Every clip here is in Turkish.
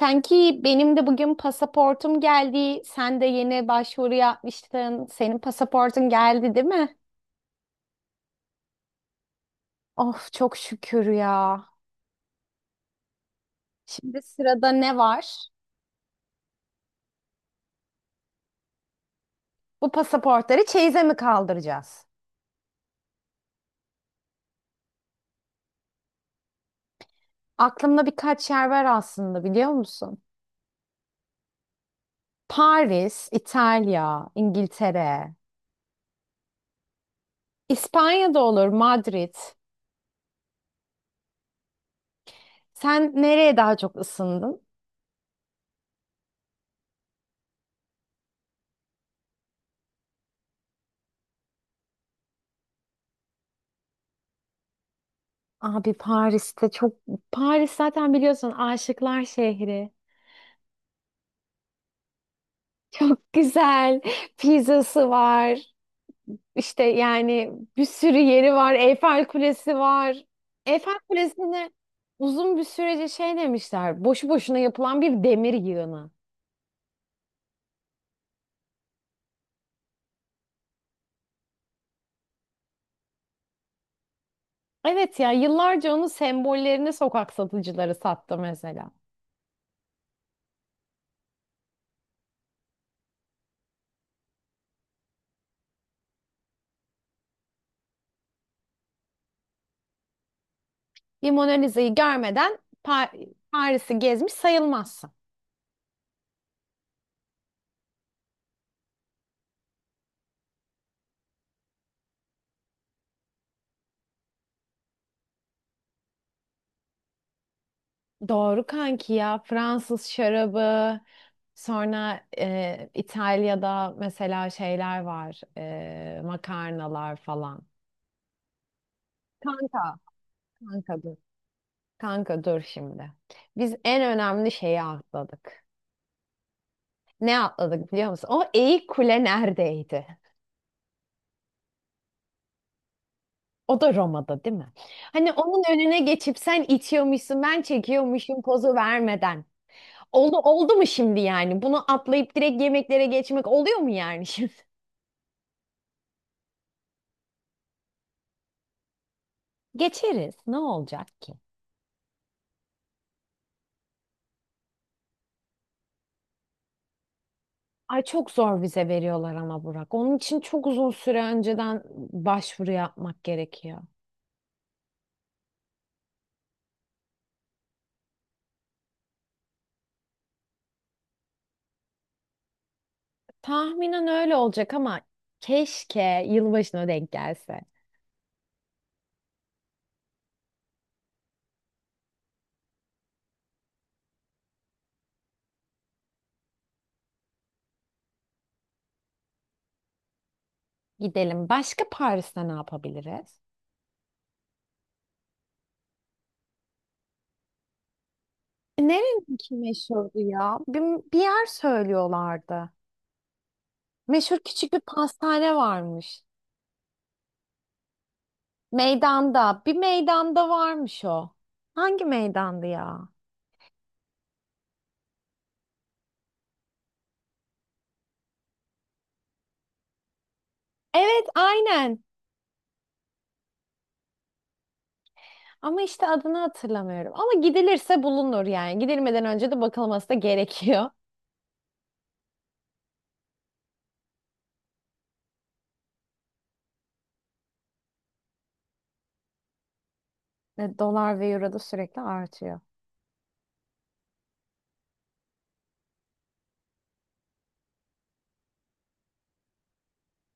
Sanki benim de bugün pasaportum geldi. Sen de yeni başvuru yapmıştın. Senin pasaportun geldi, değil mi? Of çok şükür ya. Şimdi sırada ne var? Bu pasaportları çeyize mi kaldıracağız? Aklımda birkaç yer var aslında biliyor musun? Paris, İtalya, İngiltere, İspanya'da olur, Madrid. Sen nereye daha çok ısındın? Abi Paris'te çok... Paris zaten biliyorsun aşıklar şehri. Çok güzel. Pizzası var. İşte yani bir sürü yeri var. Eyfel Kulesi var. Eyfel Kulesi'ne uzun bir sürece şey demişler. Boşu boşuna yapılan bir demir yığını. Evet ya yıllarca onun sembollerini sokak satıcıları sattı mesela. Bir Mona Lisa'yı görmeden Paris'i gezmiş sayılmaz. Doğru kanki ya Fransız şarabı sonra İtalya'da mesela şeyler var makarnalar falan. Kanka. Kanka dur. Kanka dur şimdi. Biz en önemli şeyi atladık. Ne atladık biliyor musun? O eğik kule neredeydi? O da Roma'da değil mi? Hani onun önüne geçip sen itiyormuşsun ben çekiyormuşum pozu vermeden. Oldu, oldu mu şimdi yani? Bunu atlayıp direkt yemeklere geçmek oluyor mu yani şimdi? Geçeriz. Ne olacak ki? Ay çok zor vize veriyorlar ama Burak. Onun için çok uzun süre önceden başvuru yapmak gerekiyor. Tahminen öyle olacak ama keşke yılbaşına denk gelse. Gidelim. Başka Paris'te ne yapabiliriz? Nereninki meşhurdu ya? Bir yer söylüyorlardı. Meşhur küçük bir pastane varmış. Meydanda. Bir meydanda varmış o. Hangi meydandı ya? Evet, aynen. Ama işte adını hatırlamıyorum. Ama gidilirse bulunur yani. Gidilmeden önce de bakılması da gerekiyor. Ve dolar ve euro da sürekli artıyor.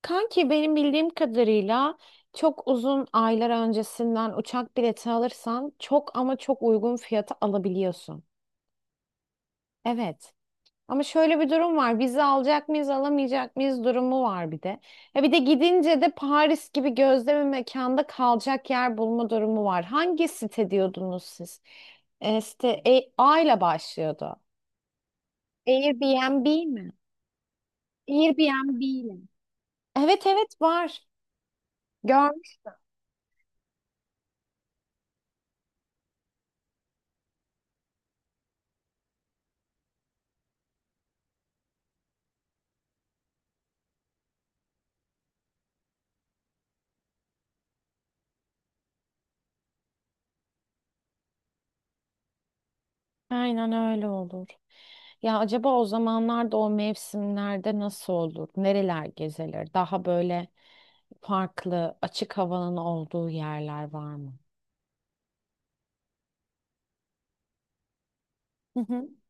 Kanki benim bildiğim kadarıyla çok uzun aylar öncesinden uçak bileti alırsan çok ama çok uygun fiyata alabiliyorsun. Evet. Ama şöyle bir durum var. Vize alacak mıyız, alamayacak mıyız durumu var bir de. Ya bir de gidince de Paris gibi gözde bir mekanda kalacak yer bulma durumu var. Hangi site diyordunuz siz? Site A ile başlıyordu. Airbnb mi? Airbnb ile. Evet evet var. Görmüş. Aynen öyle olur. Ya acaba o zamanlarda o mevsimlerde nasıl olur? Nereler gezilir? Daha böyle farklı açık havanın olduğu yerler var mı?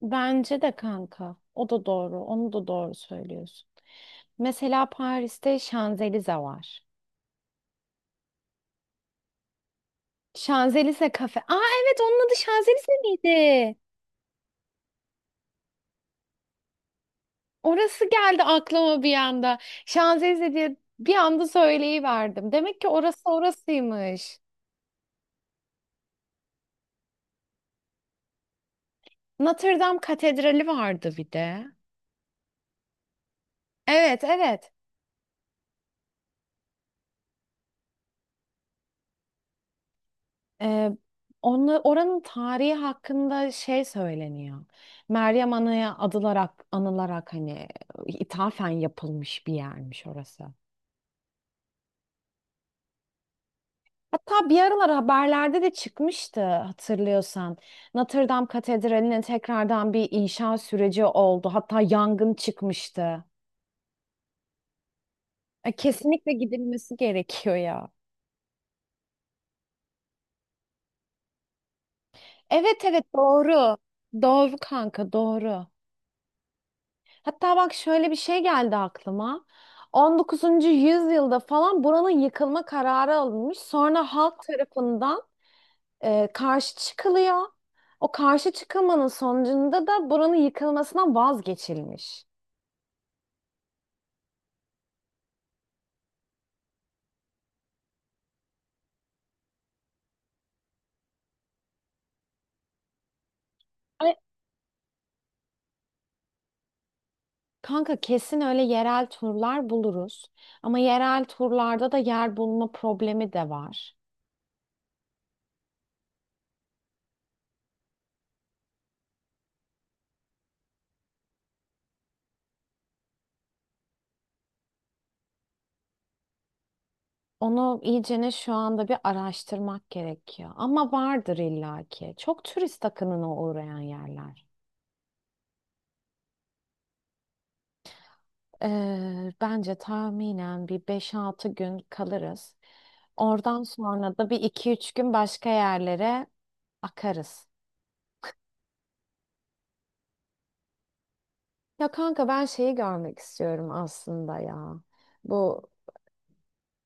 Bence de kanka. O da doğru. Onu da doğru söylüyorsun. Mesela Paris'te Şanzelize var. Şanzelize kafe. Aa evet onun adı Şanzelize miydi? Orası geldi aklıma bir anda. Şanzelize diye bir anda söyleyiverdim. Demek ki orası orasıymış. Notre Dame Katedrali vardı bir de. Evet evet. Ee, Oranın tarihi hakkında şey söyleniyor. Meryem Ana'ya adılarak, anılarak hani ithafen yapılmış bir yermiş orası. Hatta bir aralar haberlerde de çıkmıştı hatırlıyorsan. Notre Dame Katedrali'ne tekrardan bir inşa süreci oldu. Hatta yangın çıkmıştı. Kesinlikle gidilmesi gerekiyor ya. Evet evet doğru. Doğru kanka doğru. Hatta bak şöyle bir şey geldi aklıma. 19. yüzyılda falan buranın yıkılma kararı alınmış. Sonra halk tarafından karşı çıkılıyor. O karşı çıkılmanın sonucunda da buranın yıkılmasından vazgeçilmiş. Ay, kanka kesin öyle yerel turlar buluruz. Ama yerel turlarda da yer bulma problemi de var. Onu iyicene şu anda bir araştırmak gerekiyor. Ama vardır illaki. Çok turist akınına uğrayan yerler. Bence tahminen bir 5-6 gün kalırız. Oradan sonra da bir iki üç gün başka yerlere akarız. Ya kanka ben şeyi görmek istiyorum aslında ya. Bu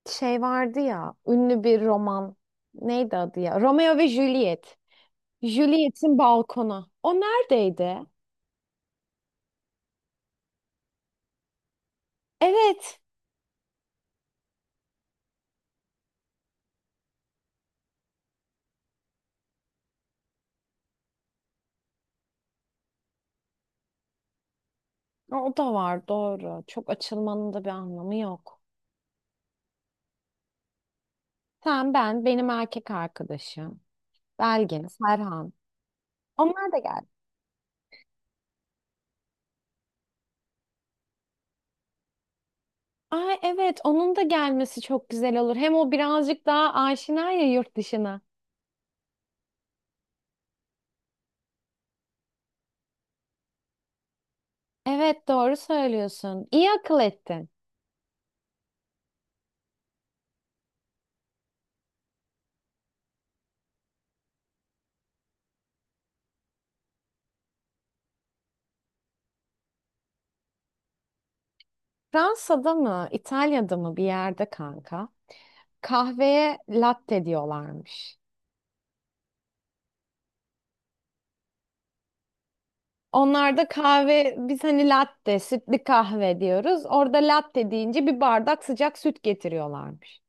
şey vardı ya ünlü bir roman. Neydi adı ya? Romeo ve Juliet. Juliet'in balkonu. O neredeydi? Evet. O da var doğru. Çok açılmanın da bir anlamı yok. Sen, ben, benim erkek arkadaşım. Belgin, Serhan. Onlar da geldi. Ay evet onun da gelmesi çok güzel olur. Hem o birazcık daha aşina ya yurt dışına. Evet doğru söylüyorsun. İyi akıl ettin. Fransa'da mı, İtalya'da mı bir yerde kanka? Kahveye latte diyorlarmış. Onlarda kahve biz hani latte, sütlü kahve diyoruz. Orada latte deyince bir bardak sıcak süt getiriyorlarmış.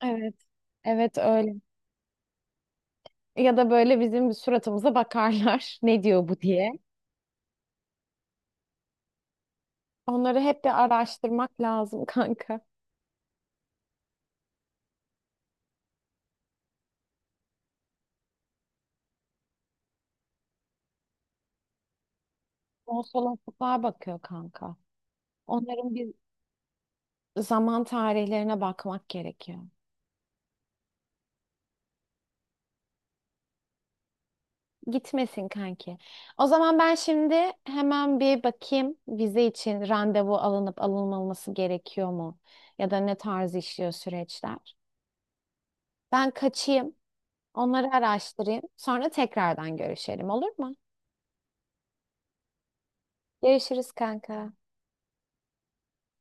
Evet. Evet öyle. Ya da böyle bizim suratımıza bakarlar. Ne diyor bu diye. Onları hep bir araştırmak lazım kanka. Konsolosluklar bakıyor kanka. Onların bir zaman tarihlerine bakmak gerekiyor. Gitmesin kanki. O zaman ben şimdi hemen bir bakayım vize için randevu alınıp alınmaması gerekiyor mu? Ya da ne tarz işliyor süreçler? Ben kaçayım, onları araştırayım. Sonra tekrardan görüşelim olur mu? Görüşürüz kanka.